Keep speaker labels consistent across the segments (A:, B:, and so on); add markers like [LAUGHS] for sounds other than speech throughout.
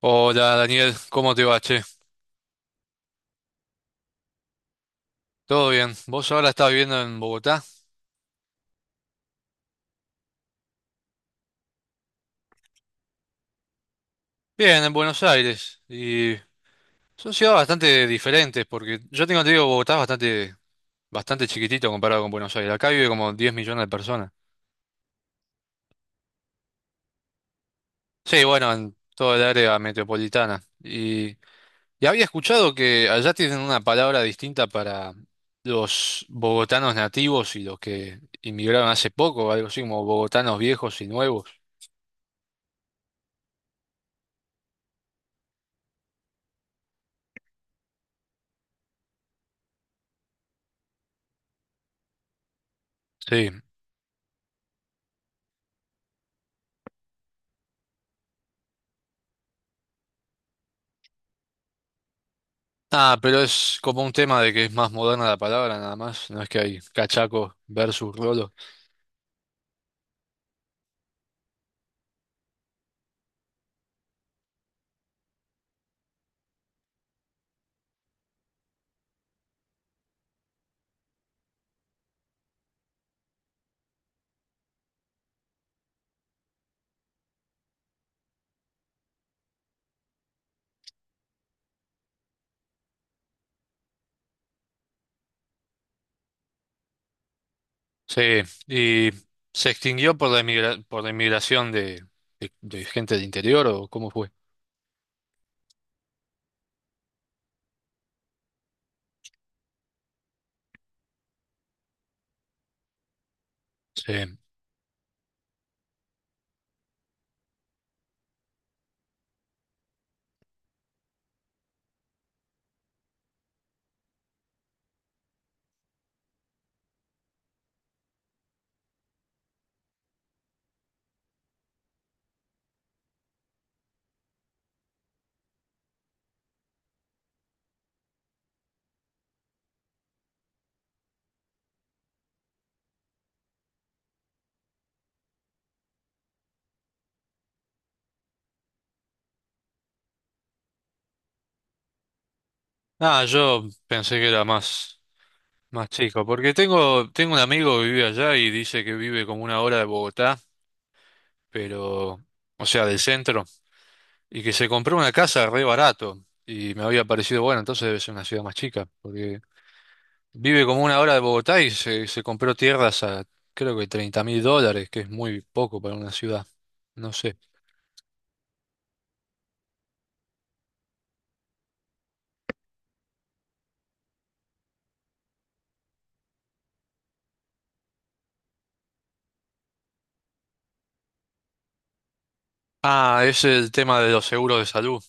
A: Hola Daniel, ¿cómo te va, che? ¿Todo bien? ¿Vos ahora estás viviendo en Bogotá? Bien, en Buenos Aires. Y son ciudades bastante diferentes, porque yo tengo entendido que Bogotá es bastante chiquitito comparado con Buenos Aires. Acá vive como 10 millones de personas. Sí, bueno, en toda el área metropolitana. Y había escuchado que allá tienen una palabra distinta para los bogotanos nativos y los que inmigraron hace poco, algo así como bogotanos viejos y nuevos. Sí. Ah, pero es como un tema de que es más moderna la palabra nada más, no es que hay cachaco versus rolo. Sí, y se extinguió por la por la inmigración de gente del interior o cómo fue. Sí. Ah, yo pensé que era más, más chico, porque tengo un amigo que vive allá y dice que vive como una hora de Bogotá, pero, o sea, del centro, y que se compró una casa re barato y me había parecido, bueno, entonces debe ser una ciudad más chica, porque vive como una hora de Bogotá y se compró tierras a creo que $30.000, que es muy poco para una ciudad. No sé. Ah, es el tema de los seguros de salud.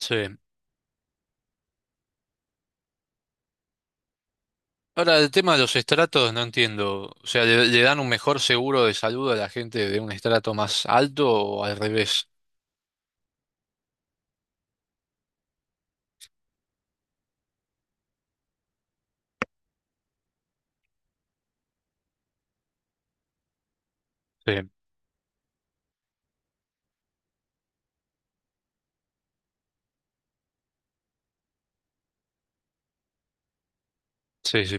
A: Sí. Ahora, el tema de los estratos no entiendo. O sea, ¿le dan un mejor seguro de salud a la gente de un estrato más alto o al revés? Sí, sí, sí,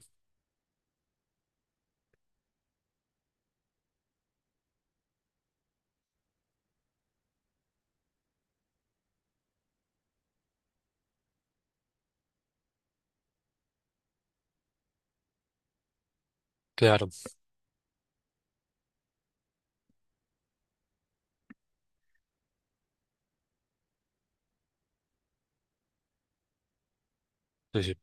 A: claro. Sí, sí.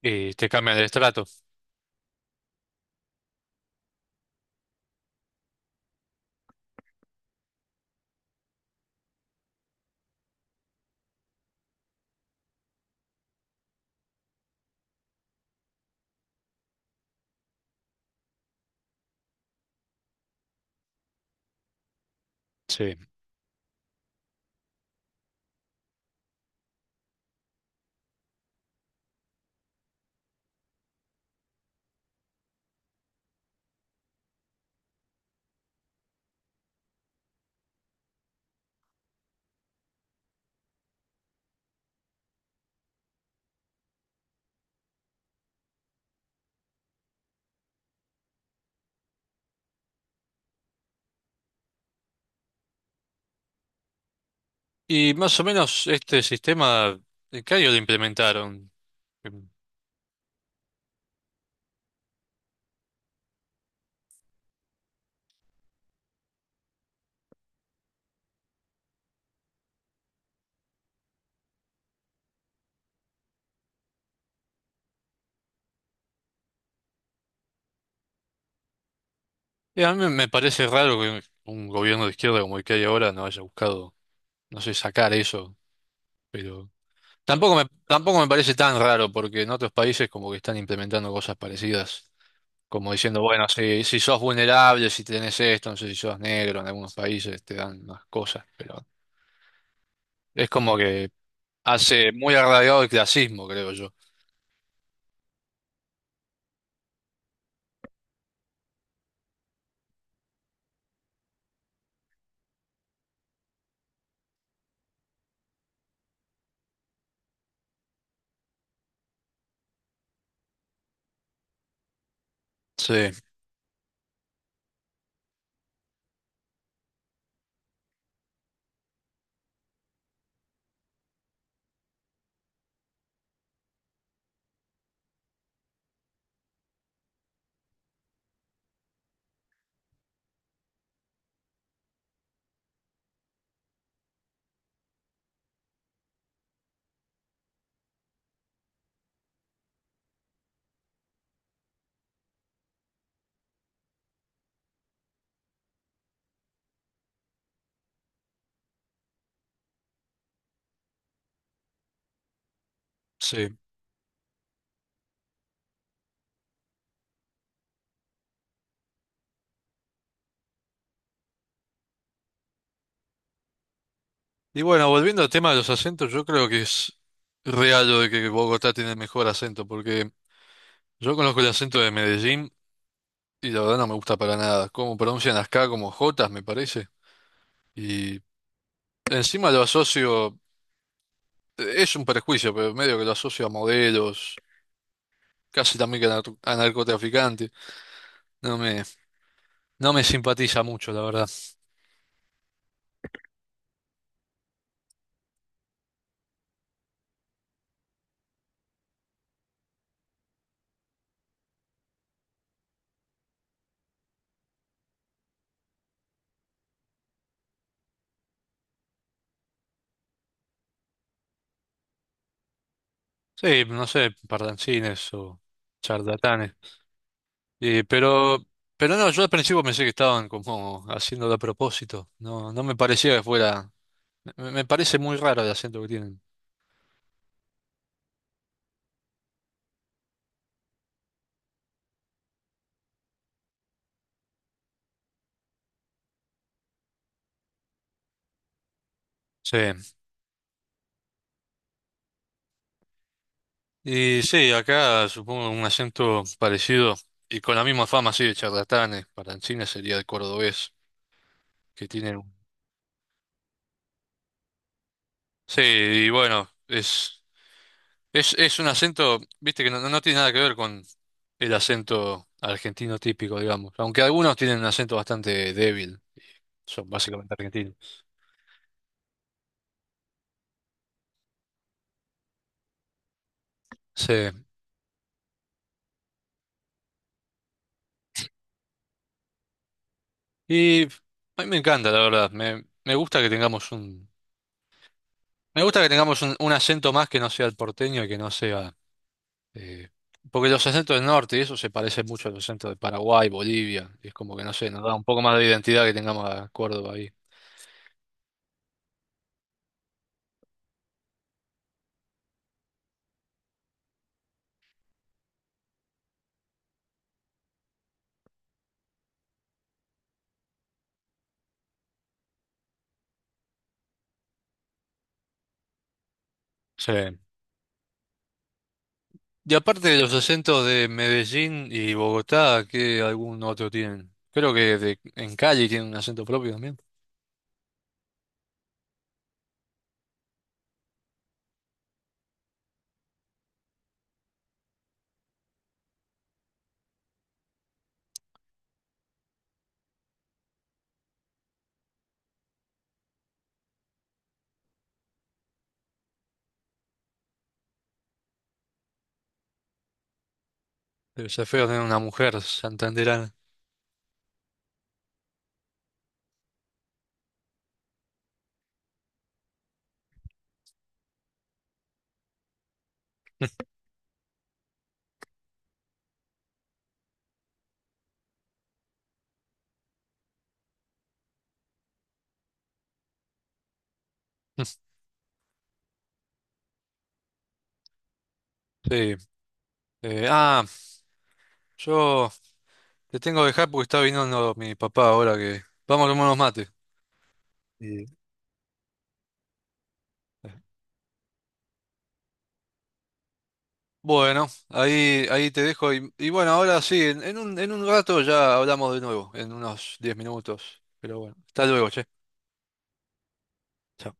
A: Y te cambian el estrato. Sí. Y más o menos este sistema, ¿en qué año lo implementaron? Y a mí me parece raro que un gobierno de izquierda como el que hay ahora no haya buscado, no sé, sacar eso, pero tampoco me parece tan raro porque en otros países como que están implementando cosas parecidas, como diciendo, bueno, si, si sos vulnerable, si tenés esto, no sé si sos negro, en algunos países te dan unas cosas, pero es como que hace muy arraigado el clasismo, creo yo. Sí, sí. Y bueno, volviendo al tema de los acentos, yo creo que es real lo de que Bogotá tiene el mejor acento, porque yo conozco el acento de Medellín y la verdad no me gusta para nada. Cómo pronuncian las K como Jotas, me parece. Y encima lo asocio, es un prejuicio, pero medio que lo asocio a modelos, casi también que a a narcotraficantes. No me, no me simpatiza mucho, la verdad. Sí, no sé, pardancines o charlatanes. Y, pero, pero no, yo al principio pensé que estaban como haciéndolo a propósito. No, no me parecía que fuera, me parece muy raro el acento que tienen. Sí. Y sí, acá supongo un acento parecido y con la misma fama, sí, de charlatanes. Para el cine sería el cordobés, que tiene un- Sí, y bueno, es un acento, viste, que no, no tiene nada que ver con el acento argentino típico, digamos. Aunque algunos tienen un acento bastante débil, son básicamente argentinos. Sí, y a mí me encanta, la verdad. Me gusta que tengamos un... Me gusta que tengamos un acento más que no sea el porteño y que no sea... Eh, porque los acentos del norte y eso se parece mucho a los acentos de Paraguay, Bolivia. Y es como que, no sé, nos da un poco más de identidad que tengamos a Córdoba ahí. Sí. Y aparte de los acentos de Medellín y Bogotá, ¿qué algún otro tienen? Creo que en Cali tienen un acento propio también. Debe ser feo tener una mujer santanderana. [LAUGHS] Sí. Eh, ah, yo te tengo que dejar porque está viniendo mi papá ahora que... Vamos a tomar unos mates. Sí. Bueno, ahí te dejo. Y bueno, ahora sí, en un rato ya hablamos de nuevo, en unos 10 minutos. Pero bueno, hasta luego, che. Chao.